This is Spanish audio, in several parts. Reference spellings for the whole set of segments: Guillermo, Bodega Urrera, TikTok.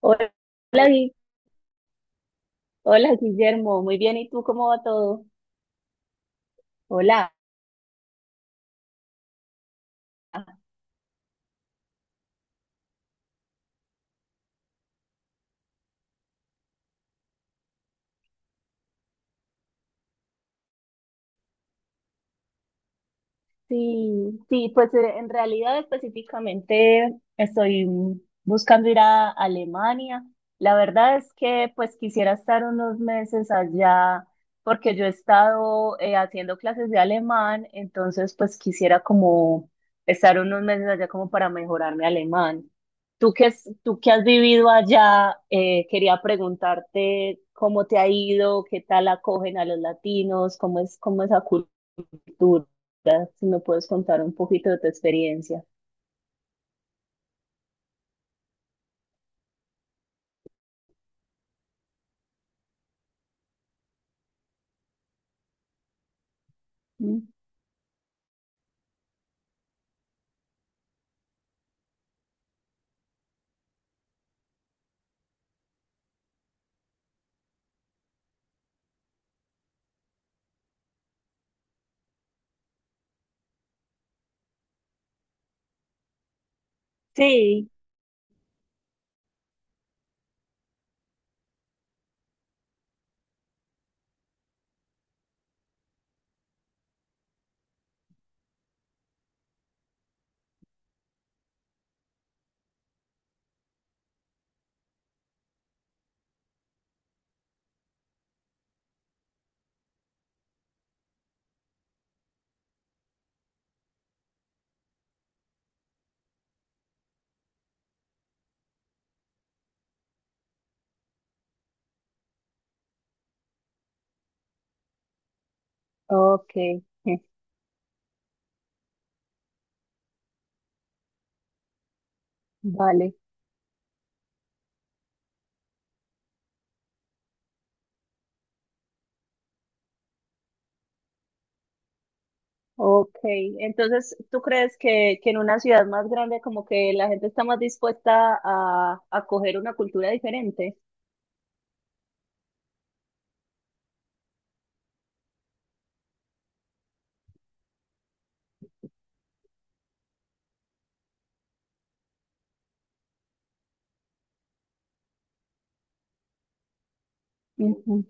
Hola, Gui- hola Guillermo, muy bien, ¿y tú cómo va todo? Hola. Sí, sí, pues en realidad específicamente estoy buscando ir a Alemania. La verdad es que pues quisiera estar unos meses allá porque yo he estado haciendo clases de alemán, entonces pues quisiera como estar unos meses allá como para mejorar mi alemán. Tú que has vivido allá, quería preguntarte cómo te ha ido, qué tal acogen a los latinos, cómo es esa dura, si me puedes contar un poquito de tu experiencia. ¿Mm? Sí. Ok, je, vale, ok. Entonces, ¿tú crees que en una ciudad más grande como que la gente está más dispuesta a coger una cultura diferente? Ujú,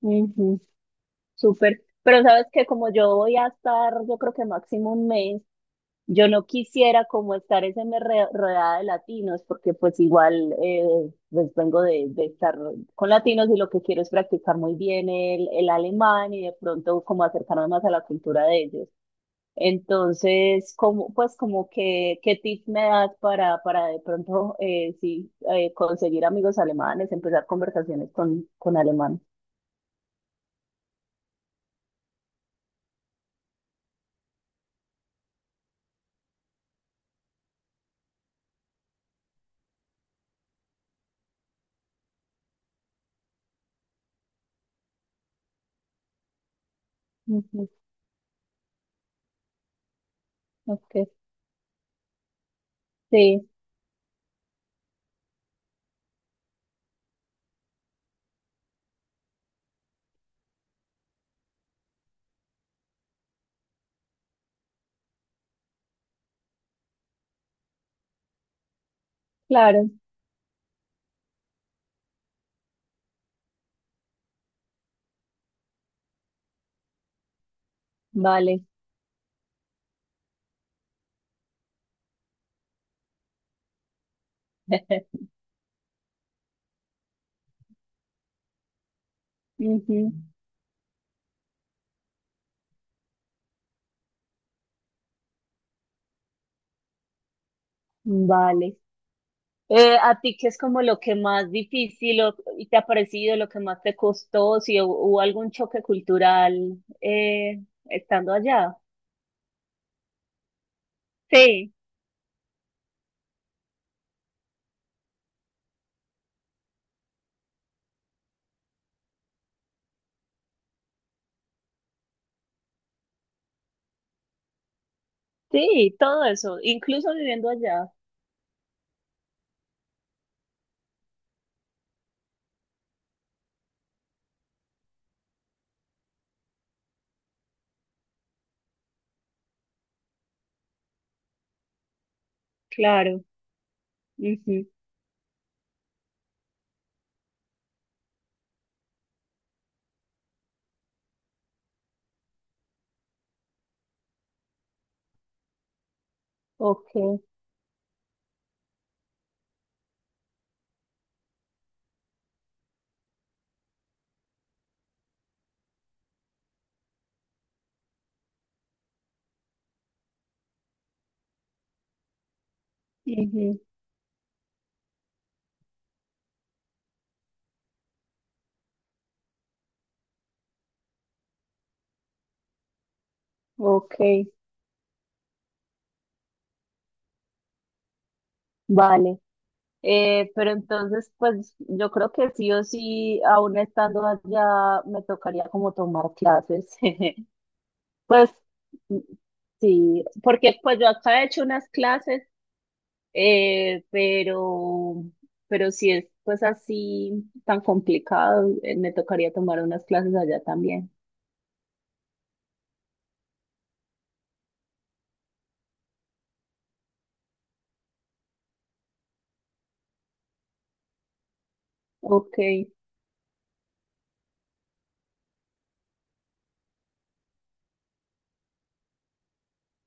ujú, súper. Pero sabes que como yo voy a estar, yo creo que máximo un mes, yo no quisiera como estar ese rodeada de latinos, porque pues igual pues vengo de estar con latinos y lo que quiero es practicar muy bien el alemán y de pronto como acercarme más a la cultura de ellos. Entonces, como, pues como que, ¿qué tips me das para de pronto conseguir amigos alemanes, empezar conversaciones con alemán? Ujú, ok. Sí, claro, vale. Ujú. Vale. ¿A ti qué es como lo que más difícil te ha parecido, lo que más te costó, si hubo algún choque cultural estando allá? Sí, sí, todo eso, incluso viviendo allá, claro. Ujú. Ok, ujú, ok, vale. Pero entonces, pues yo creo que sí o sí, aún estando allá, me tocaría como tomar clases. Pues mm, sí, porque pues yo acá he hecho unas clases. Eh, pero, pero si es pues así tan complicado, me tocaría tomar unas clases allá también. Ok,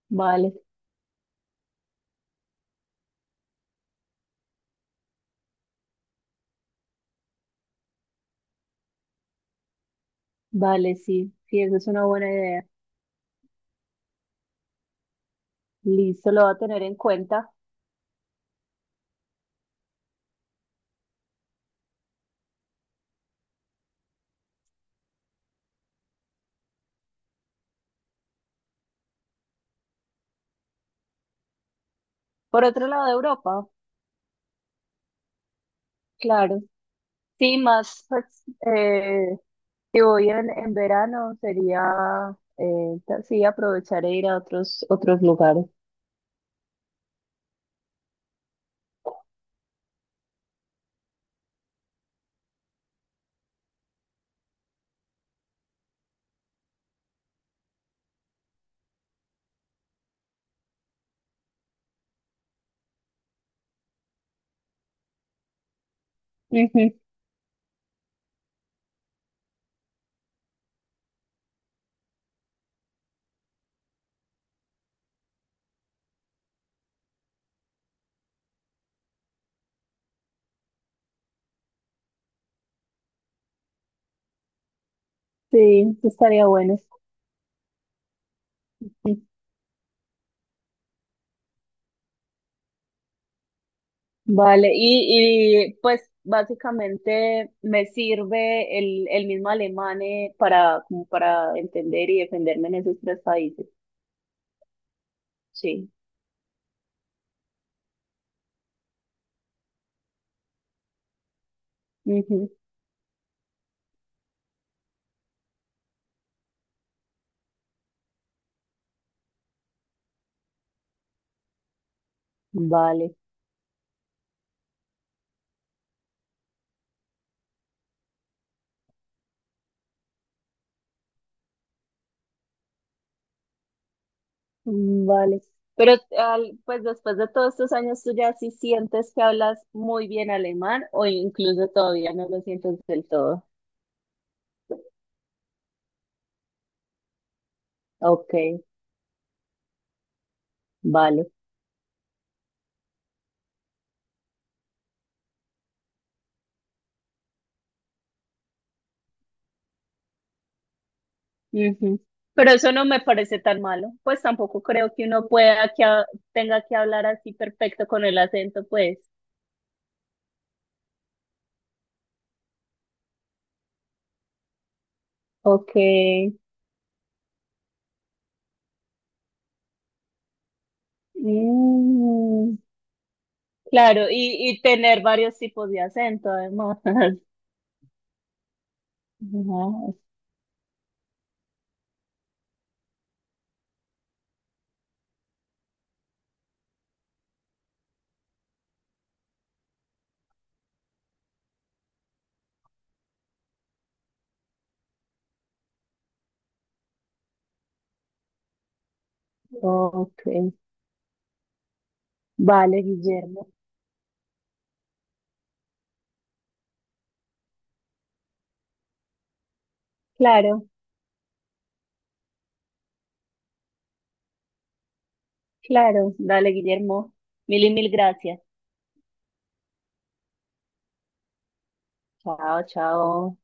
vale, vale, sí, sí, esa es una buena idea. Listo, lo va a tener en cuenta. Por otro lado de Europa, claro. Sí, más, pues, si voy en verano, sería, sí, aprovechar e ir a otros, otros lugares. Ujú. Sí, estaría bueno. Vale, y pues básicamente me sirve el mismo alemán para, como para entender y defenderme en esos tres países. Sí. Ujú. Vale, mm, vale. Pero al- pues después de todos estos años, ¿tú ya sí sientes que hablas muy bien alemán o incluso todavía no lo sientes del todo? Ok, vale. Ujú. Pero eso no me parece tan malo. Pues tampoco creo que uno pueda tenga que hablar así perfecto con el acento, pues. Okay, mm, claro, y tener varios tipos de acento además. Ajá, ok. Vale, Guillermo. Claro, claro. Dale, Guillermo. Mil y mil gracias. Chao, chao.